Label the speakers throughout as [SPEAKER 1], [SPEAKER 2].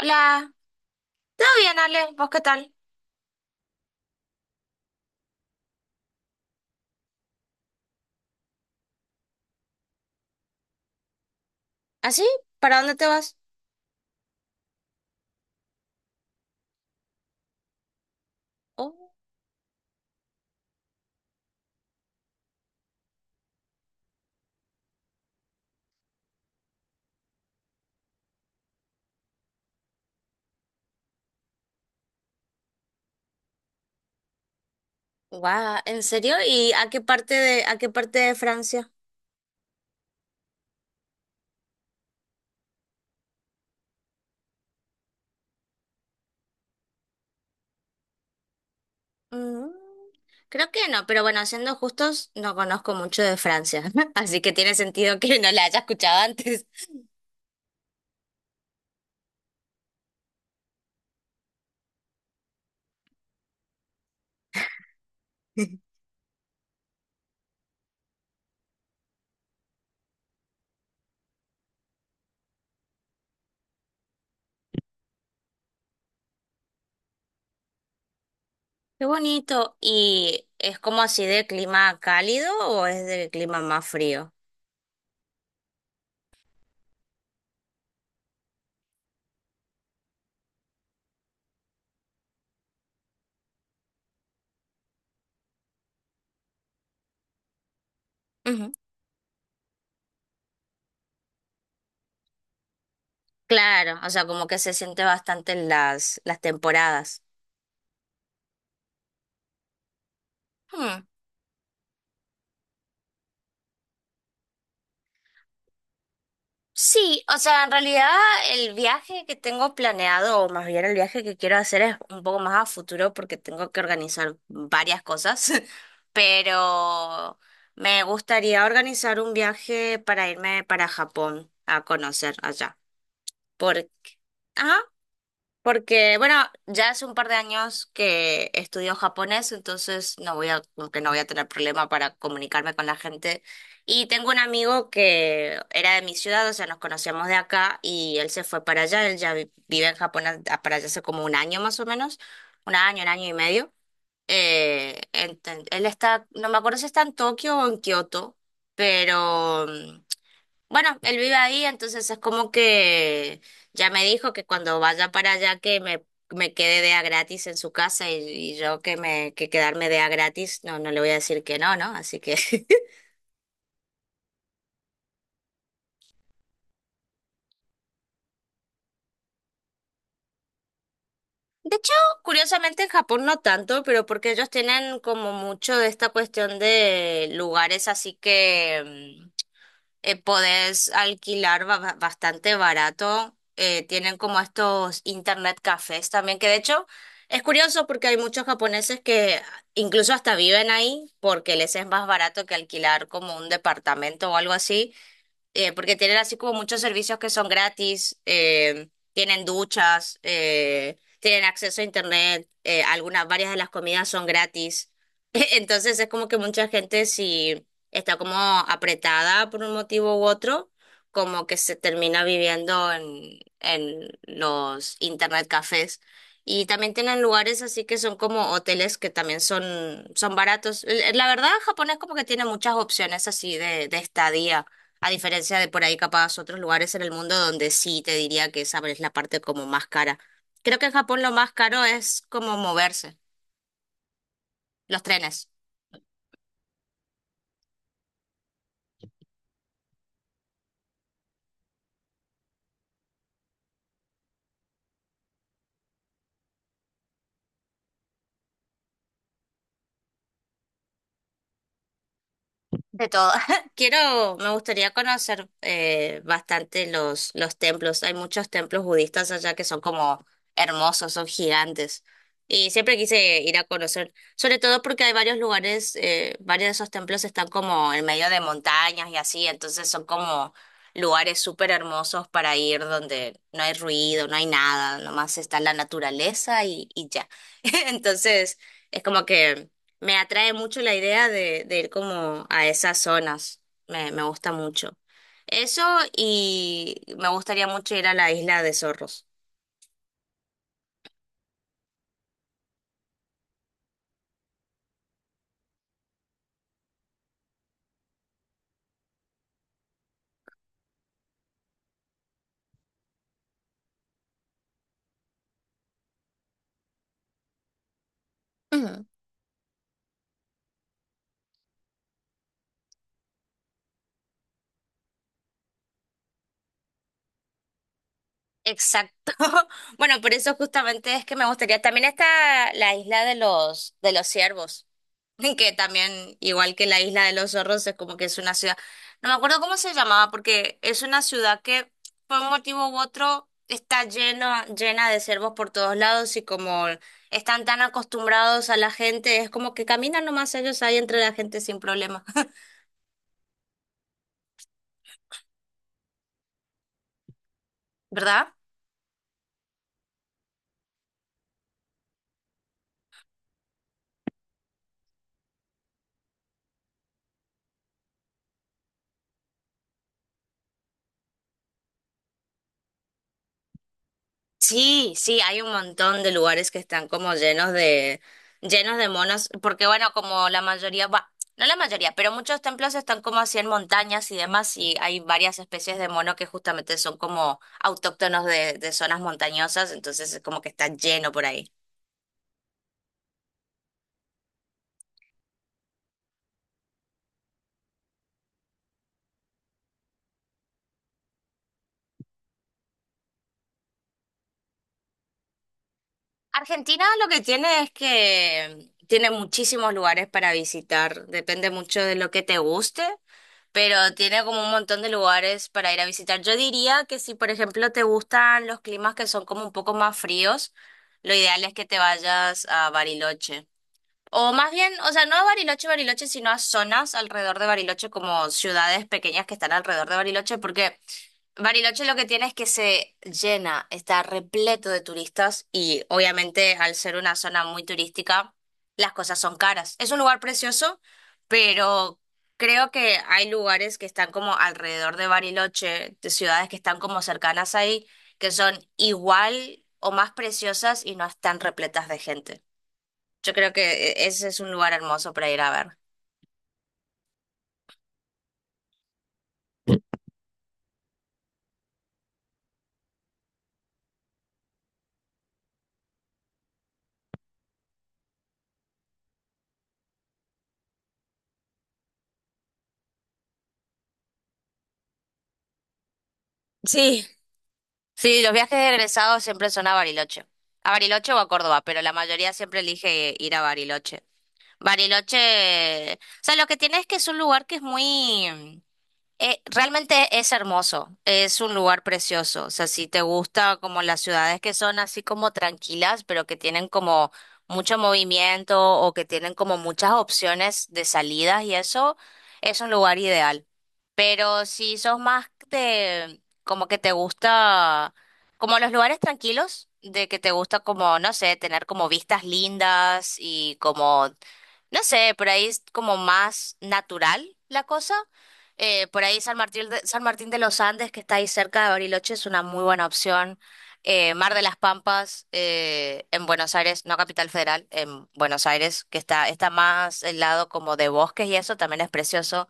[SPEAKER 1] Hola, ¿todo bien, Ale? ¿Vos qué tal? ¿Así? ¿Para dónde te vas? Oh, guau, ¿en serio? ¿Y a qué parte de Francia? Mm, creo que no, pero bueno, siendo justos, no conozco mucho de Francia, así que tiene sentido que no la haya escuchado antes. Qué bonito. ¿Y es como así de clima cálido o es de clima más frío? Ujú. Claro, o sea, como que se siente bastante en las temporadas. Sí, o sea, en realidad el viaje que tengo planeado, o más bien el viaje que quiero hacer es un poco más a futuro porque tengo que organizar varias cosas, pero me gustaría organizar un viaje para irme para Japón a conocer allá. ¿Por Porque, bueno, ya hace un par de años que estudio japonés, entonces no voy a, como que no voy a tener problema para comunicarme con la gente. Y tengo un amigo que era de mi ciudad, o sea, nos conocíamos de acá y él se fue para allá, él vive en Japón para allá hace como un año más o menos, un año y medio. Él está, no me acuerdo si está en Tokio o en Kioto, pero bueno, él vive ahí, entonces es como que ya me dijo que cuando vaya para allá me quede de a gratis en su casa y yo que me que quedarme de a gratis, no, no le voy a decir que no, ¿no? Así que De hecho, curiosamente en Japón no tanto, pero porque ellos tienen como mucho de esta cuestión de lugares así que podés alquilar bastante barato. Tienen como estos internet cafés también, que de hecho es curioso porque hay muchos japoneses que incluso hasta viven ahí porque les es más barato que alquilar como un departamento o algo así, porque tienen así como muchos servicios que son gratis, tienen duchas, tienen acceso a internet, algunas, varias de las comidas son gratis. Entonces es como que mucha gente si está como apretada por un motivo u otro, como que se termina viviendo en los internet cafés. Y también tienen lugares así que son como hoteles que también son baratos. La verdad, Japón es como que tiene muchas opciones así de estadía. A diferencia de por ahí capaz otros lugares en el mundo donde sí te diría que esa es la parte como más cara. Creo que en Japón lo más caro es como moverse, los trenes. De todo. Quiero, me gustaría conocer bastante los templos. Hay muchos templos budistas allá que son como hermosos, son gigantes. Y siempre quise ir a conocer, sobre todo porque hay varios lugares, varios de esos templos están como en medio de montañas y así, entonces son como lugares súper hermosos para ir donde no hay ruido, no hay nada, nomás está la naturaleza y ya. Entonces, es como que... Me atrae mucho la idea de ir como a esas zonas. Me gusta mucho. Eso y me gustaría mucho ir a la isla de Zorros. Exacto. Bueno, por eso justamente es que me gustaría. También está la isla de los ciervos, que también, igual que la isla de los zorros, es como que es una ciudad. No me acuerdo cómo se llamaba, porque es una ciudad que por un motivo u otro está llena de ciervos por todos lados y como están tan acostumbrados a la gente, es como que caminan nomás ellos ahí entre la gente sin problema, ¿verdad? Sí, sí, hay un montón de lugares que están como llenos llenos de monos, porque bueno, como la mayoría, va, no la mayoría, pero muchos templos están como así en montañas y demás, y hay varias especies de mono que justamente son como autóctonos de zonas montañosas, entonces es como que está lleno por ahí. Argentina lo que tiene es que tiene muchísimos lugares para visitar, depende mucho de lo que te guste, pero tiene como un montón de lugares para ir a visitar. Yo diría que si, por ejemplo, te gustan los climas que son como un poco más fríos, lo ideal es que te vayas a Bariloche. O más bien, o sea, no a Bariloche, Bariloche, sino a zonas alrededor de Bariloche, como ciudades pequeñas que están alrededor de Bariloche, porque Bariloche lo que tiene es que se llena, está repleto de turistas y obviamente al ser una zona muy turística, las cosas son caras. Es un lugar precioso, pero creo que hay lugares que están como alrededor de Bariloche, de ciudades que están como cercanas ahí, que son igual o más preciosas y no están repletas de gente. Yo creo que ese es un lugar hermoso para ir a ver. Sí, sí, los viajes de egresados siempre son a Bariloche. A Bariloche o a Córdoba, pero la mayoría siempre elige ir a Bariloche. Bariloche, o sea, lo que tiene es que es un lugar que es muy. Realmente es hermoso, es un lugar precioso, o sea, si te gusta como las ciudades que son así como tranquilas, pero que tienen como mucho movimiento o que tienen como muchas opciones de salidas y eso es un lugar ideal. Pero si sos más de como que te gusta como los lugares tranquilos, de que te gusta como, no sé, tener como vistas lindas y como, no sé, por ahí es como más natural la cosa. Por ahí San Martín de los Andes, que está ahí cerca de Bariloche, es una muy buena opción. Mar de las Pampas, en Buenos Aires, no Capital Federal, en Buenos Aires, que está más el lado como de bosques y eso también es precioso.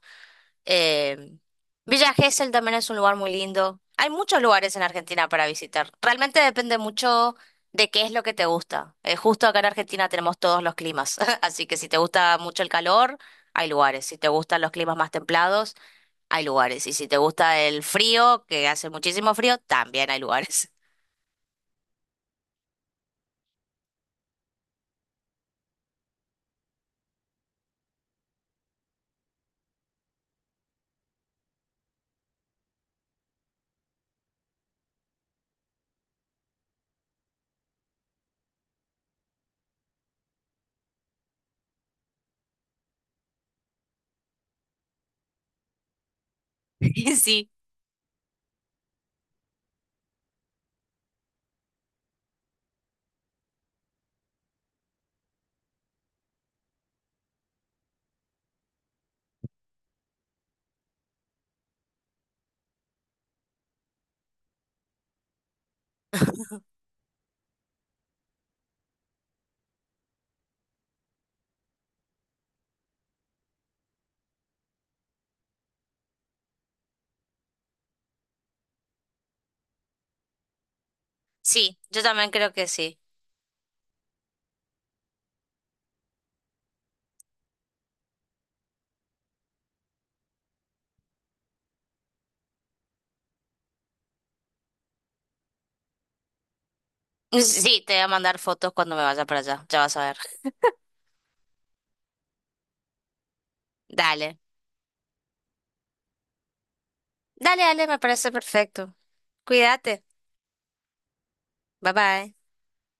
[SPEAKER 1] Eh, Villa Gesell también es un lugar muy lindo. Hay muchos lugares en Argentina para visitar. Realmente depende mucho de qué es lo que te gusta. Justo acá en Argentina tenemos todos los climas, así que si te gusta mucho el calor, hay lugares. Si te gustan los climas más templados, hay lugares. Y si te gusta el frío, que hace muchísimo frío, también hay lugares. Y sí, sí, yo también creo que sí. Sí, te voy a mandar fotos cuando me vaya para allá, ya vas a ver. Dale, dale, dale, me parece perfecto. Cuídate, bye bye.